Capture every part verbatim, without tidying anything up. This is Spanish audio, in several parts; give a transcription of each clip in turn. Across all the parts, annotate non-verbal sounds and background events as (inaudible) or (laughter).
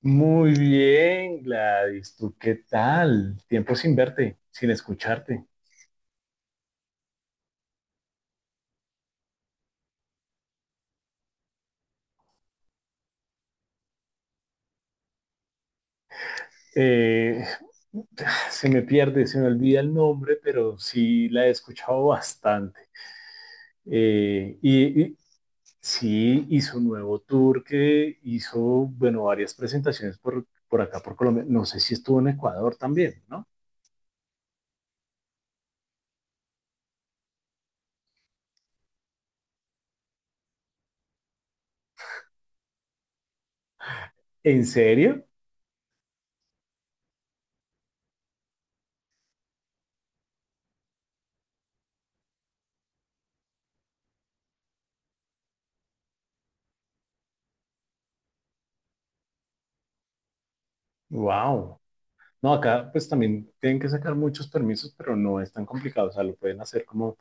Muy bien, Gladys, ¿tú qué tal? Tiempo sin verte, sin escucharte. Eh, (sighs) se me pierde, se me olvida el nombre, pero sí la he escuchado bastante. Eh, y, y sí hizo un nuevo tour que hizo, bueno, varias presentaciones por, por acá, por Colombia. No sé si estuvo en Ecuador también, ¿no? ¿En serio? Wow. No, acá pues también tienen que sacar muchos permisos, pero no es tan complicado. O sea, lo pueden hacer como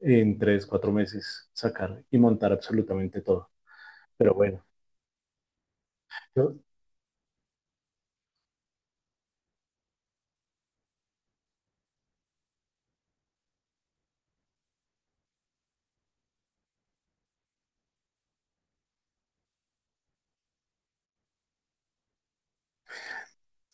en tres, cuatro meses, sacar y montar absolutamente todo. Pero bueno, yo-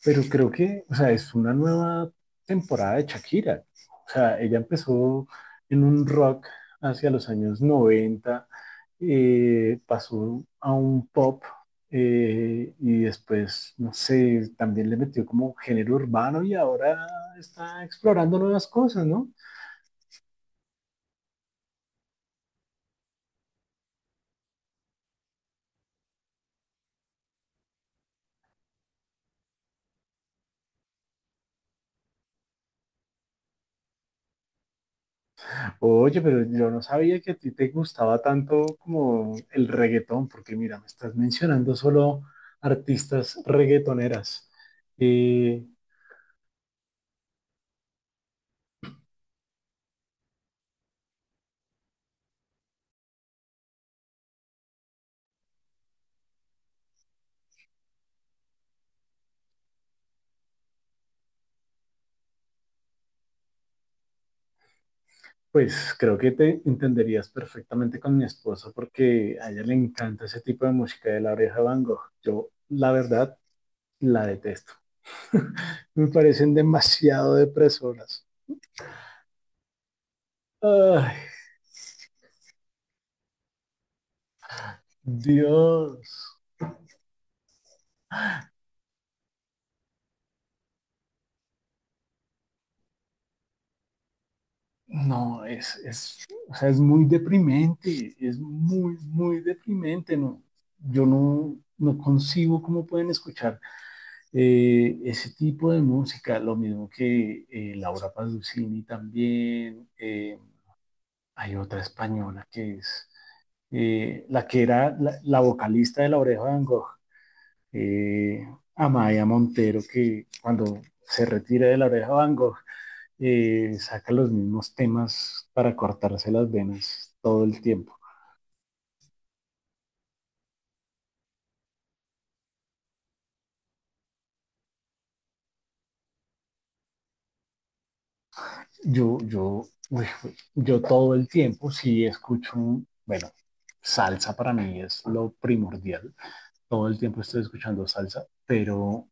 pero creo que, o sea, es una nueva temporada de Shakira. O sea, ella empezó en un rock hacia los años noventa, eh, pasó a un pop eh, y después, no sé, también le metió como género urbano y ahora está explorando nuevas cosas, ¿no? Oye, pero yo no sabía que a ti te gustaba tanto como el reggaetón, porque mira, me estás mencionando solo artistas reggaetoneras. Y pues creo que te entenderías perfectamente con mi esposa, porque a ella le encanta ese tipo de música de La Oreja de Van Gogh. Yo, la verdad, la detesto. Me parecen demasiado depresoras. Ay, Dios. No, es, es, o sea, es muy deprimente, es muy, muy deprimente, ¿no? Yo no, no concibo cómo pueden escuchar eh, ese tipo de música, lo mismo que eh, Laura Pausini también, eh, hay otra española que es eh, la que era la, la, vocalista de La Oreja de Van Gogh, eh, Amaya Montero, que cuando se retira de La Oreja de Van Gogh, eh, saca los mismos temas para cortarse las venas todo el tiempo. Yo, yo, yo todo el tiempo sí escucho, bueno, salsa para mí es lo primordial. Todo el tiempo estoy escuchando salsa, pero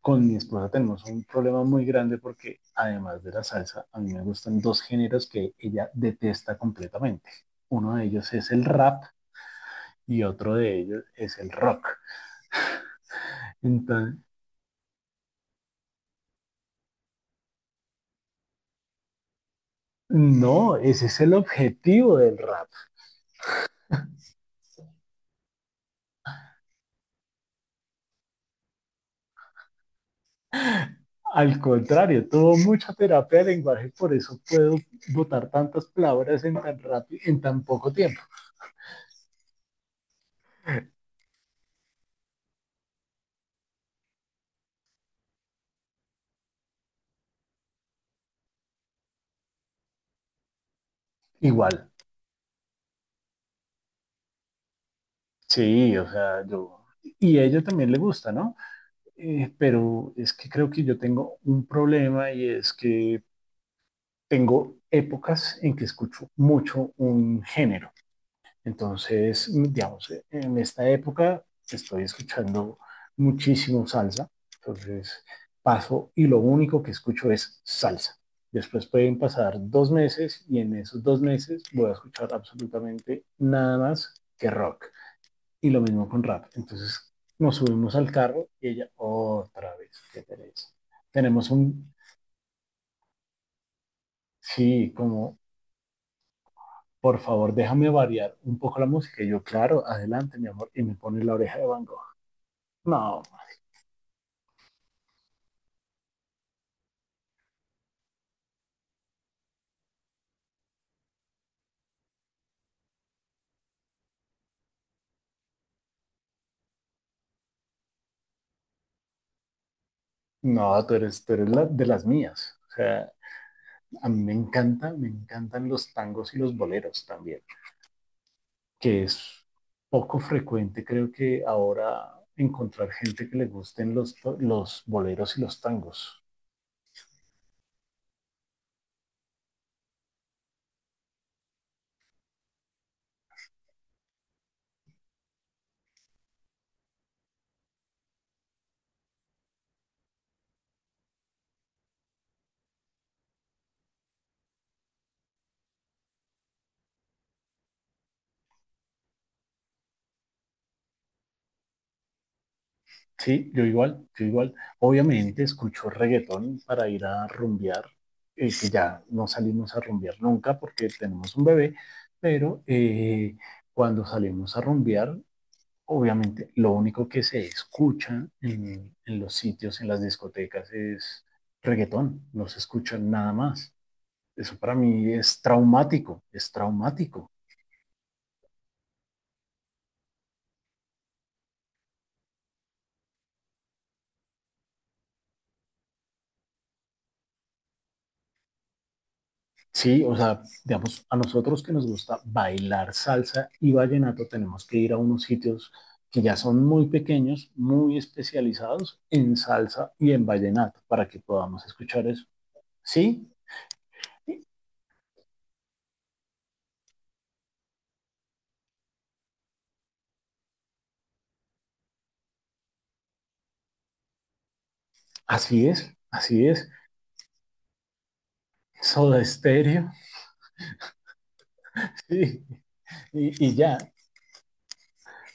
con mi esposa tenemos un problema muy grande porque además de la salsa, a mí me gustan dos géneros que ella detesta completamente. Uno de ellos es el rap y otro de ellos es el rock. Entonces, no, ese es el objetivo del rap. Al contrario, tuvo mucha terapia de lenguaje, por eso puedo botar tantas palabras en tan rápido, en tan poco tiempo. Igual, sí, o sea, yo y a ella también le gusta, ¿no? Eh, pero es que creo que yo tengo un problema y es que tengo épocas en que escucho mucho un género. Entonces, digamos, e, en esta época estoy escuchando muchísimo salsa, entonces paso y lo único que escucho es salsa. Después pueden pasar dos meses y en esos dos meses voy a escuchar absolutamente nada más que rock. Y lo mismo con rap. Entonces nos subimos al carro y ella otra vez, qué pereza. Tenemos un, sí, como, por favor, déjame variar un poco la música. Y yo, claro, adelante, mi amor. Y me pone la oreja de Van Gogh. No, no, tú eres, tú eres la- de las mías. O sea, a mí me encanta, me encantan los tangos y los boleros también, que es poco frecuente, creo que ahora encontrar gente que le gusten los, to- los boleros y los tangos. Sí, yo igual, yo igual. Obviamente escucho reggaetón para ir a rumbear, eh, que ya no salimos a rumbear nunca porque tenemos un bebé, pero eh, cuando salimos a rumbear obviamente lo único que se escucha en, en los sitios, en las discotecas, es reggaetón, no se escucha nada más. Eso para mí es traumático, es traumático. Sí, o sea, digamos, a nosotros que nos gusta bailar salsa y vallenato, tenemos que ir a unos sitios que ya son muy pequeños, muy especializados en salsa y en vallenato, para que podamos escuchar eso. Sí, así es, así es. Soda Estéreo, (laughs) sí. Y, y ya.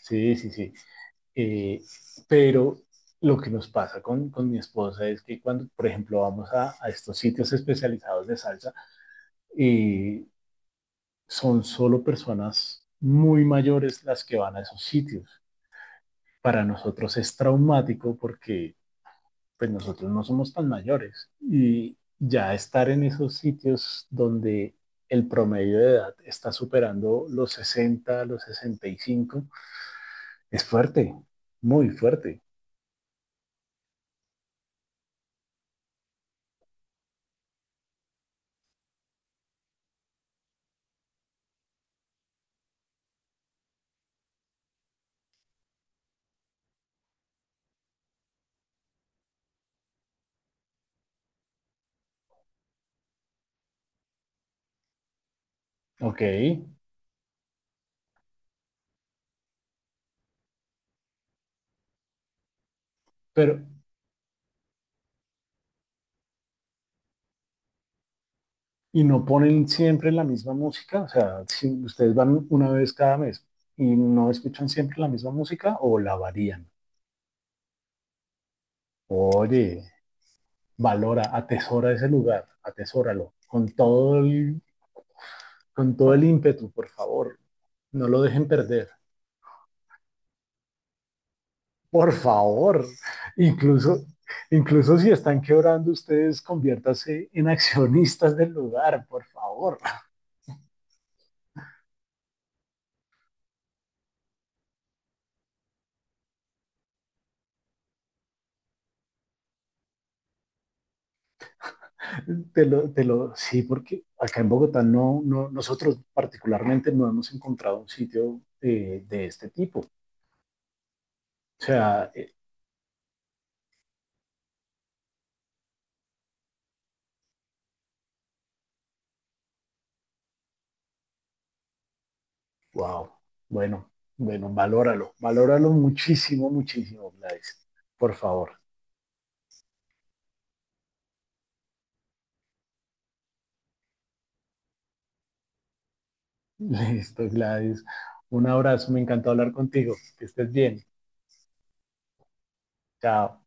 Sí, sí, sí. Eh, pero lo que nos pasa con, con, mi esposa es que cuando, por ejemplo, vamos a, a estos sitios especializados de salsa, eh, son solo personas muy mayores las que van a esos sitios. Para nosotros es traumático porque pues nosotros no somos tan mayores y ya estar en esos sitios donde el promedio de edad está superando los sesenta, los sesenta y cinco es fuerte, muy fuerte. Ok. Pero, ¿Y no ponen siempre la misma música? O sea, si ustedes van una vez cada mes, y ¿no escuchan siempre la misma música o la varían? Oye, valora, atesora ese lugar, atesóralo con todo el, con todo el ímpetu, por favor. No lo dejen perder, por favor. Incluso, incluso si están quebrando ustedes, conviértase en accionistas del lugar, por favor. Te lo, te lo, sí, porque acá en Bogotá no, no, nosotros particularmente no hemos encontrado un sitio eh, de este tipo. O sea, eh, wow, bueno, bueno, valóralo, valóralo muchísimo, muchísimo, Gladys. Por favor. (laughs) Listo, Gladys. Un abrazo, me encantó hablar contigo. Que estés bien. Chao.